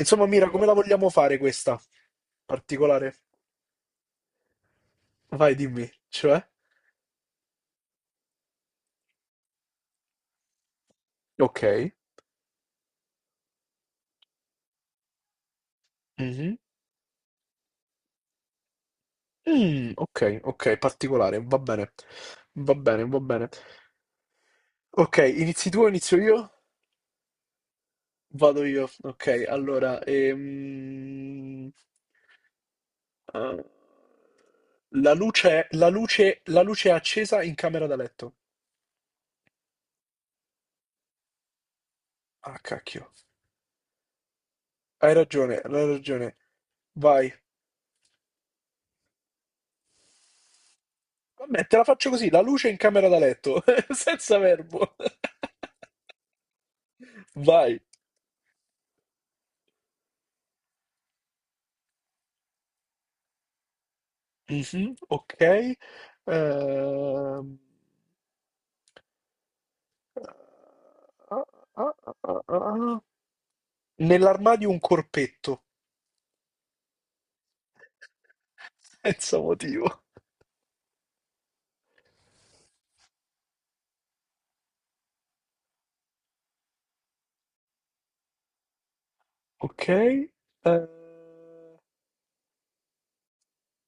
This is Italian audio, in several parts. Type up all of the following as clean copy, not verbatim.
Insomma, Mira, come la vogliamo fare questa particolare? Vai, dimmi, cioè? Ok. Mhm. Mm, ok, ok, particolare, va bene. Va bene, va bene. Ok, inizi tu o inizio io? Vado io. Ok, allora, eh, la luce è accesa in camera da letto. Ah, cacchio. Hai ragione, hai ragione. Vai. Vabbè, te la faccio così, la luce in camera da letto, senza verbo. Vai. Mhm, ok. Ehm, ah, ah, ah, ah, ah. Nell'armadio un corpetto, senza motivo. Ok.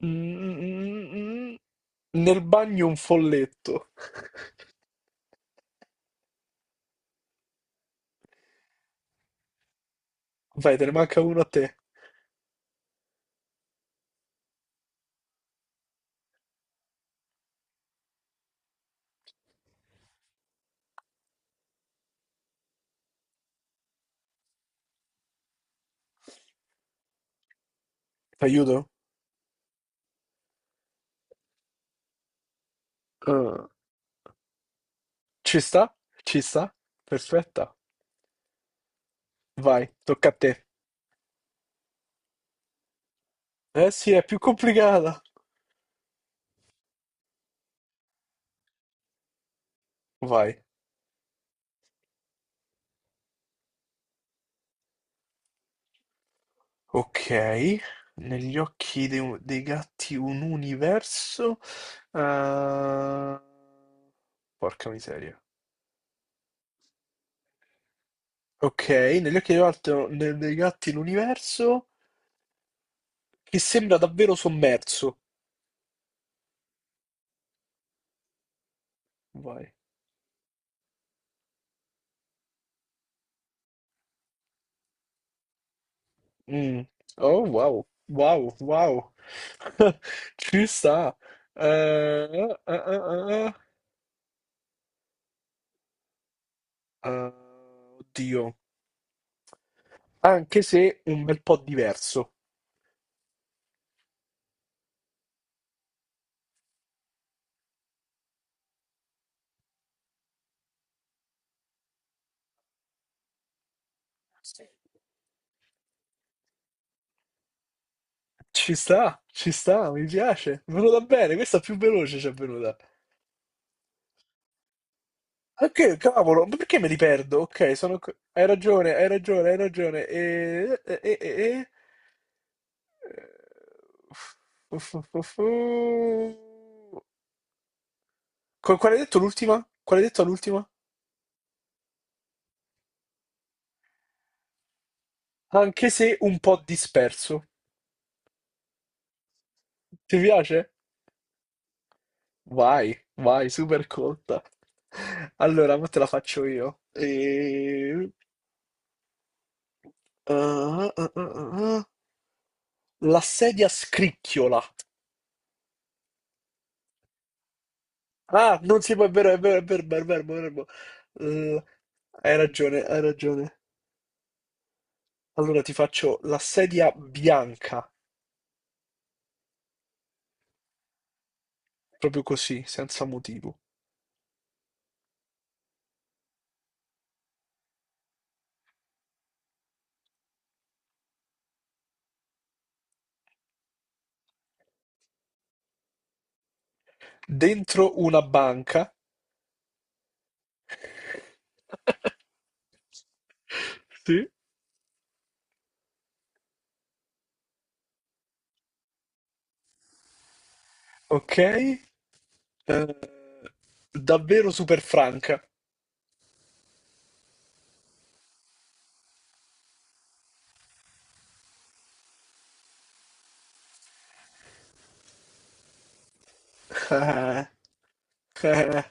mm, mm, mm. Nel bagno un folletto. Vai, te ne manca uno a te. T'aiuto? Eh, ci sta? Ci sta? Perfetta. Vai, tocca a te. Eh sì, è più complicata. Vai. Ok, negli occhi dei gatti un universo. eh, Porca miseria. Ok, negli occhi dei gatti l'universo che sembra davvero sommerso. Vai. Mm. Oh, wow, wow, wow. Ci sta. Eh, eh, eh, eh, eh. Eh, oddio, anche se un bel po' diverso. Ci sta, mi piace. È venuta bene, questa più veloce ci è venuta. Ok, cavolo, ma perché me li perdo? Ok, sono... Hai ragione, hai ragione, hai ragione. Uff, uff, uff, uff, uff. Qual hai detto l'ultima? Qual hai detto l'ultima? Anche se un po' disperso. Ti piace? Vai, vai, super colta. Allora, mo te la faccio io. Ah, ah, ah, ah. La sedia scricchiola. Ah, non si può, è vero, è vero, è vero, è vero, è vero, è vero. Eh, hai ragione, hai ragione. Allora ti faccio la sedia bianca, proprio così, senza motivo. Dentro una banca, sì. Ok? Eh, davvero super franca. Eh, eh,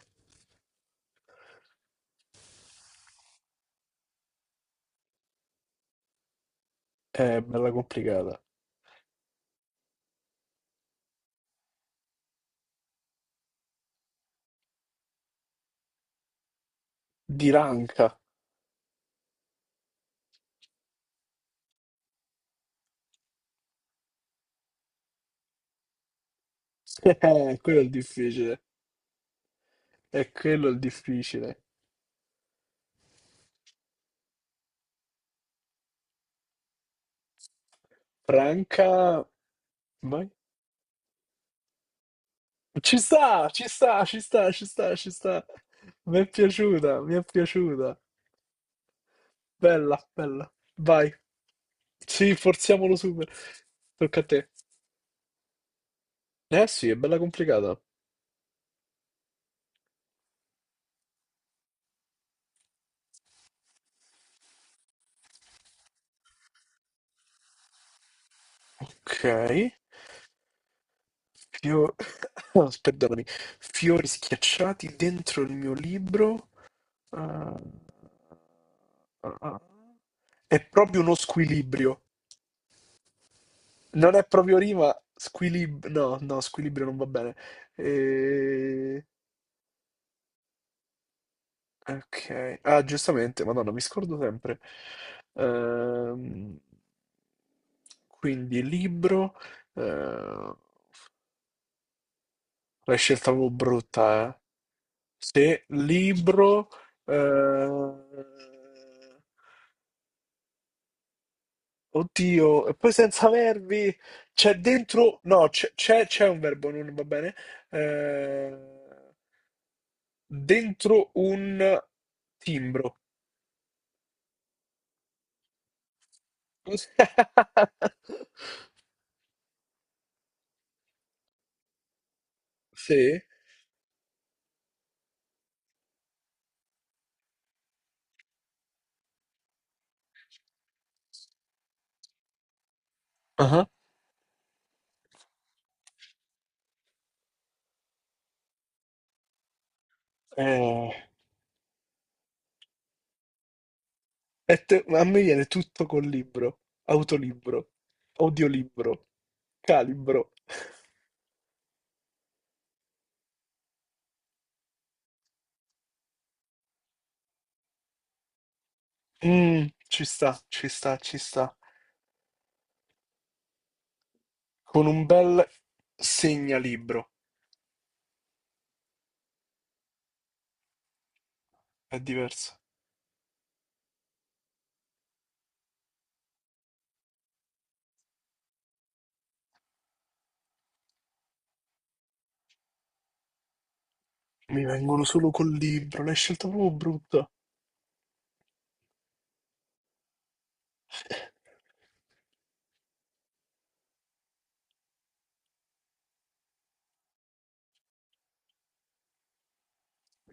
bella complicata. Di ranca. Quello è il difficile. È quello il difficile. Franca, vai. Ci sta, ci sta, ci sta, ci sta, ci sta. Mi è piaciuta, mi è piaciuta. Bella, bella. Vai. Sì, forziamolo super. Tocca a te. Eh sì, è bella complicata. Ok. Fio- oh, perdonami. Fiori schiacciati dentro il mio libro. Ah, ah, ah. È proprio uno squilibrio. Non è proprio rima. No, no, squilibrio non va bene. Ok, ah giustamente, Madonna, mi scordo sempre. Ehm, quindi libro, eh, la scelta avevo brutta, eh. Se libro, eh, oddio, e poi senza verbi, c'è dentro, no, c'è un verbo, non va bene. Eh, dentro un timbro. Sì. Eh, a me viene tutto col libro, autolibro, audiolibro, calibro. Mm, ci sta, ci sta, ci sta. Con un bel segnalibro, è diverso. Mi vengono solo col libro, l'hai scelta proprio brutta.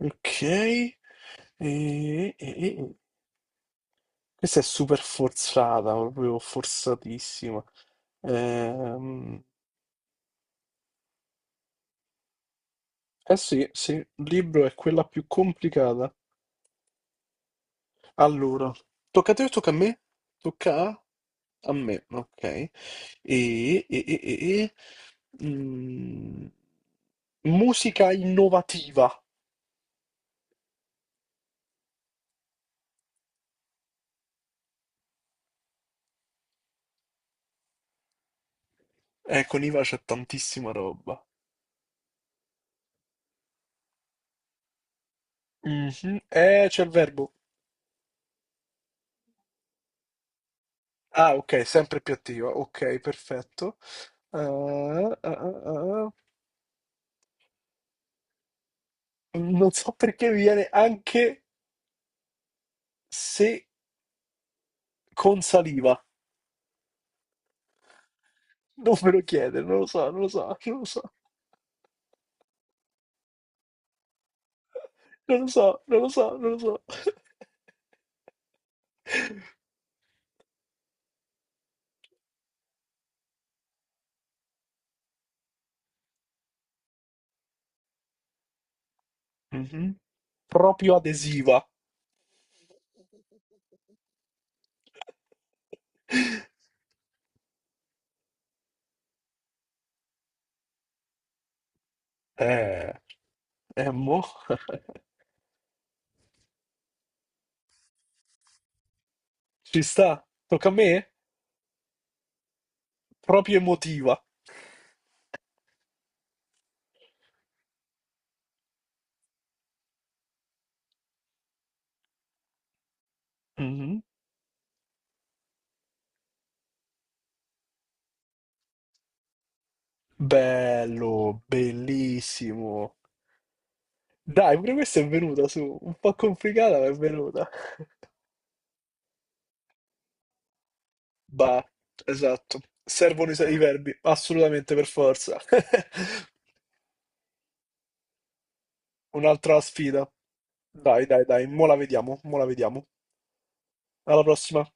Ok, e, e- e- questa è super forzata, proprio forzatissima. Ehm, eh sì, sì, il libro è quella più complicata. Allora, tocca a te o tocca a me? Tocca a, a me, ok. E- e- e- e- mm, musica innovativa. Con Iva c'è tantissima roba. Mhm. C'è il verbo. Ah, ok, sempre più attiva. Ok, perfetto. Ah, ah, ah, ah. Non so perché mi viene anche se con saliva. Non me lo chiede, non lo so, non lo so, non lo so. Non lo so, non lo so, non lo so. Mhm. Proprio adesiva. Eh, mo, ci sta. Tocca a me? Proprio emotiva. Mhm. Bello, bellissimo. Dai, pure questa è venuta su, un po' complicata, ma è venuta. Bah, esatto. Servono i verbi, assolutamente, per forza. Un'altra sfida. Dai, dai, dai, mo la vediamo, mo la vediamo. Alla prossima.